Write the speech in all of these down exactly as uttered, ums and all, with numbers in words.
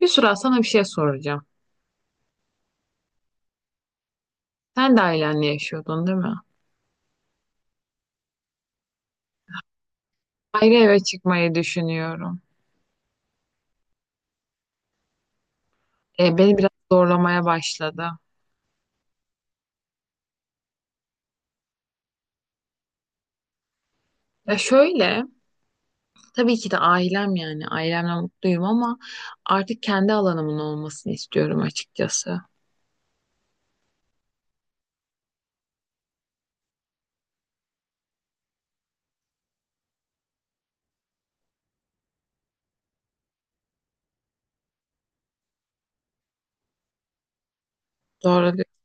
Yusra sana bir şey soracağım. Sen de ailenle yaşıyordun değil mi? Ayrı eve çıkmayı düşünüyorum. E, beni biraz zorlamaya başladı. Ya şöyle, tabii ki de ailem yani ailemle mutluyum ama artık kendi alanımın olmasını istiyorum açıkçası. Doğru diyorsun.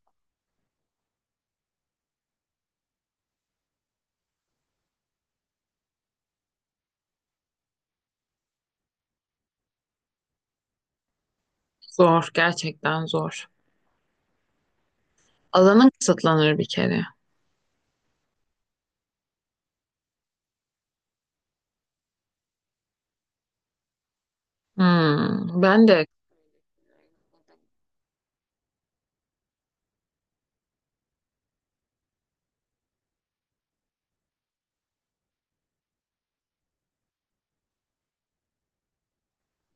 Zor, gerçekten zor. Alanın kısıtlanır bir kere. Hmm, ben de.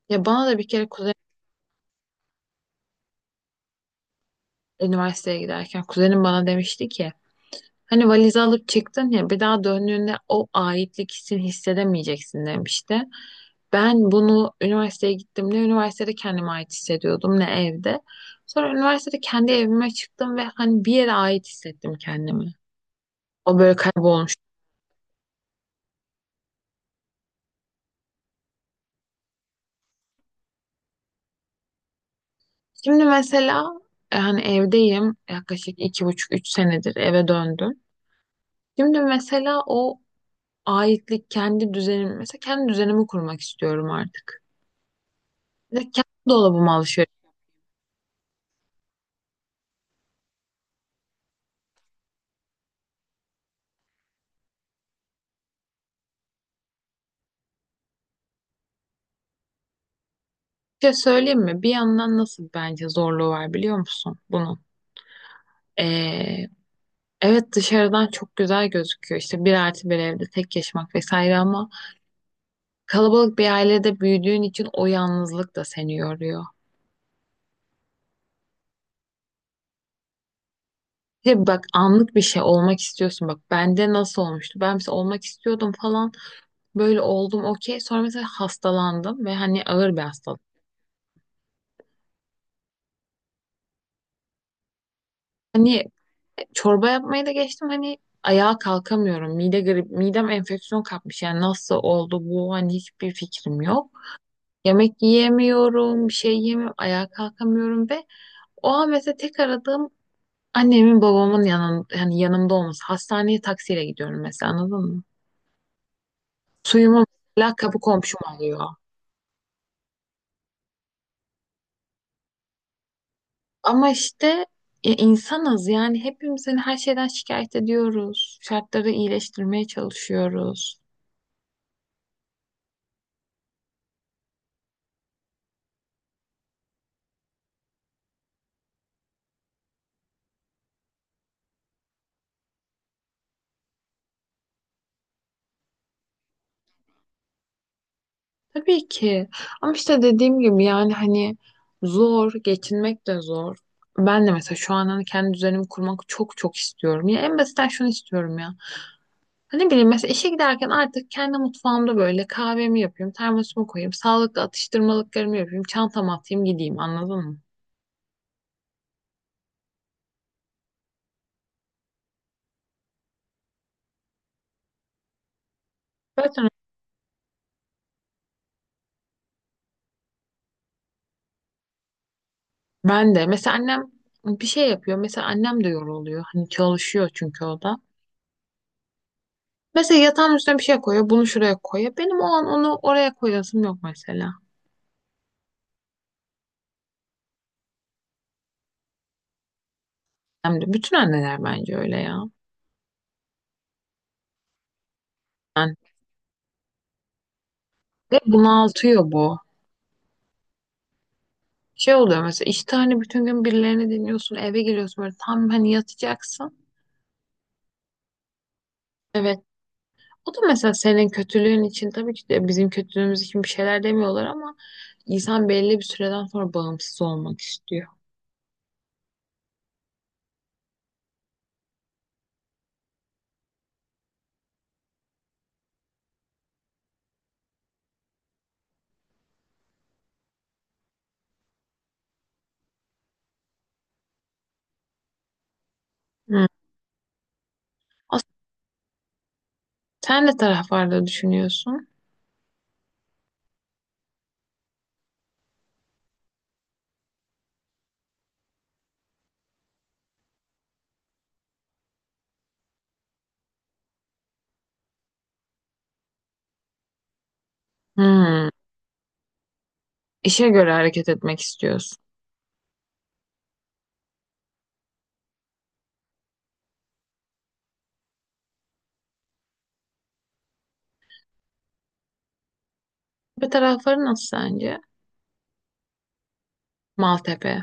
Ya bana da bir kere kuzenim üniversiteye giderken kuzenim bana demişti ki hani valizi alıp çıktın ya, bir daha döndüğünde o aitlik hissini hissedemeyeceksin demişti. Ben bunu üniversiteye gittiğimde üniversitede kendime ait hissediyordum ne evde. Sonra üniversitede kendi evime çıktım ve hani bir yere ait hissettim kendimi. O böyle kaybolmuş. Şimdi mesela e, hani evdeyim, yaklaşık iki buçuk üç senedir eve döndüm. Şimdi mesela o aitlik, kendi düzenim mesela kendi düzenimi kurmak istiyorum artık. Ve kendi dolabıma alışıyorum. Bir şey söyleyeyim mi? Bir yandan nasıl bence zorluğu var biliyor musun bunun? Ee, evet, dışarıdan çok güzel gözüküyor. İşte bir artı bir evde tek yaşamak vesaire, ama kalabalık bir ailede büyüdüğün için o yalnızlık da seni yoruyor. Bir de bak, anlık bir şey olmak istiyorsun. Bak bende nasıl olmuştu? Ben mesela olmak istiyordum falan. Böyle oldum okey. Sonra mesela hastalandım ve hani ağır bir hastalık. Hani çorba yapmayı da geçtim, hani ayağa kalkamıyorum. Mide grip, midem enfeksiyon kapmış. Yani nasıl oldu bu? Hani hiçbir fikrim yok. Yemek yiyemiyorum, bir şey yiyemiyorum, ayağa kalkamıyorum ve o an mesela tek aradığım annemin babamın yanın, yani yanımda olması. Hastaneye taksiyle gidiyorum mesela, anladın mı? Suyumu mesela kapı komşum alıyor. Ama işte e, insanız yani, hepimiz hani her şeyden şikayet ediyoruz. Şartları iyileştirmeye çalışıyoruz. Tabii ki. Ama işte dediğim gibi, yani hani zor, geçinmek de zor. Ben de mesela şu an hani kendi düzenimi kurmak çok çok istiyorum. Ya en basitten şunu istiyorum ya. Hani ne bileyim, mesela işe giderken artık kendi mutfağımda böyle kahvemi yapayım, termosumu koyayım, sağlıklı atıştırmalıklarımı yapayım, çantamı atayım gideyim, anladın mı? Zaten ben de mesela annem bir şey yapıyor. Mesela annem de yoruluyor. Hani çalışıyor çünkü o da. Mesela yatağın üstüne bir şey koyuyor, bunu şuraya koyuyor. Benim o an onu oraya koyasım yok mesela. Hem de bütün anneler bence öyle ya. Yani ve bunaltıyor bu. Şey oluyor mesela, işte hani bütün gün birilerini dinliyorsun, eve geliyorsun, böyle tam hani yatacaksın. Evet. O da mesela senin kötülüğün için, tabii ki de bizim kötülüğümüz için bir şeyler demiyorlar, ama insan belli bir süreden sonra bağımsız olmak istiyor. Hmm. Aslında sen de taraflarda düşünüyorsun. Hmm. İşe göre hareket etmek istiyorsun. Bir tarafları nasıl sence? Maltepe.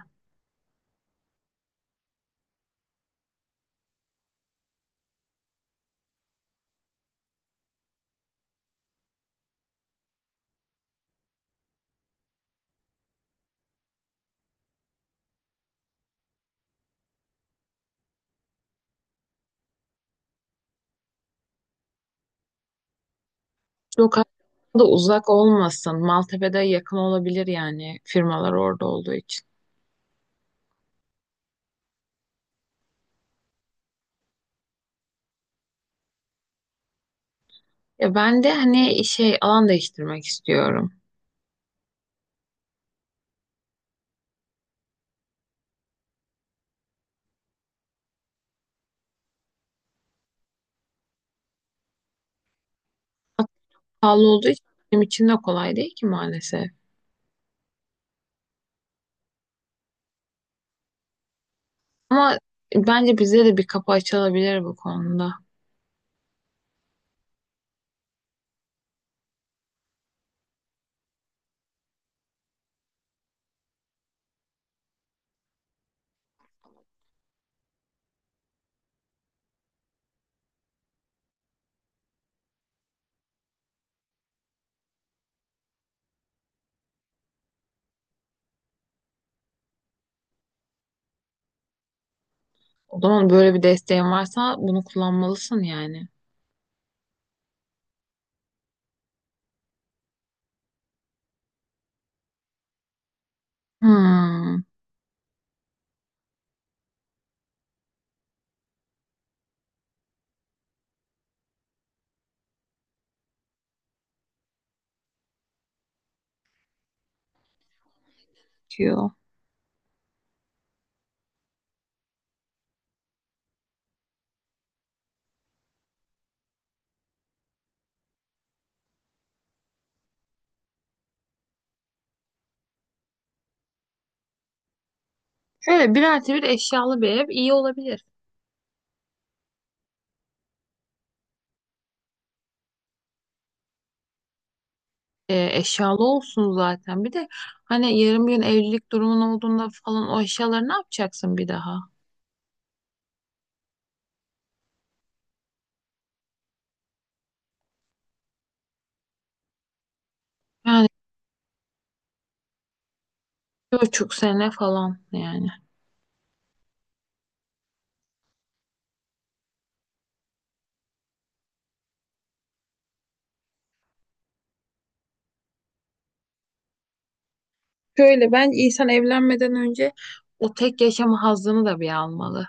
Yok aslında uzak olmasın. Maltepe'de yakın olabilir yani, firmalar orada olduğu için. Ya ben de hani şey, alan değiştirmek istiyorum. Pahalı olduğu için benim için de kolay değil ki maalesef. Ama bence bize de bir kapı açılabilir bu konuda. O zaman böyle bir desteğin varsa bunu kullanmalısın yani. Hmm, diyor. Şöyle bir artı bir eşyalı bir ev iyi olabilir. Ee, eşyalı olsun zaten. Bir de hani yarın bir gün evlilik durumun olduğunda falan, o eşyaları ne yapacaksın bir daha? Yani bir buçuk sene falan yani. Şöyle, ben insan evlenmeden önce o tek yaşama hazzını da bir almalı.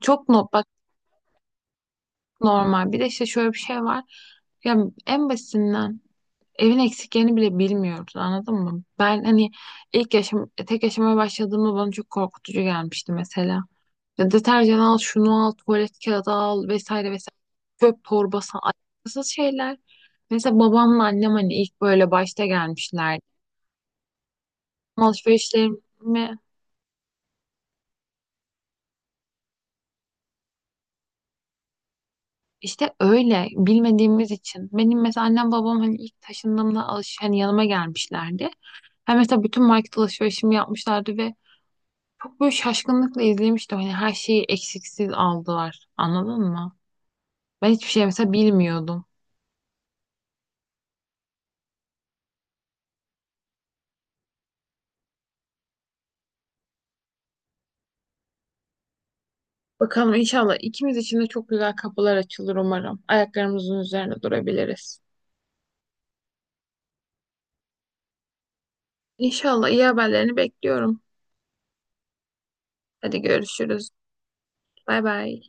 Çok no, bak, normal. Bir de işte şöyle bir şey var. Ya en basitinden, evin eksiklerini bile bilmiyoruz, anladın mı? Ben hani ilk yaşam tek yaşamaya başladığımda bana çok korkutucu gelmişti mesela. Ya deterjan al, şunu al, tuvalet kağıdı al vesaire vesaire. Çöp torbası, alakasız şeyler. Mesela babamla annem hani ilk böyle başta gelmişler. Alışverişlerimi işte öyle bilmediğimiz için. Benim mesela annem babam hani ilk taşındığımda alış hani yanıma gelmişlerdi. Hani mesela bütün market alışverişimi yapmışlardı ve çok böyle şaşkınlıkla izlemiştim. Hani her şeyi eksiksiz aldılar. Anladın mı? Ben hiçbir şey mesela bilmiyordum. Bakalım inşallah ikimiz için de çok güzel kapılar açılır umarım. Ayaklarımızın üzerine durabiliriz. İnşallah iyi haberlerini bekliyorum. Hadi görüşürüz. Bay bay.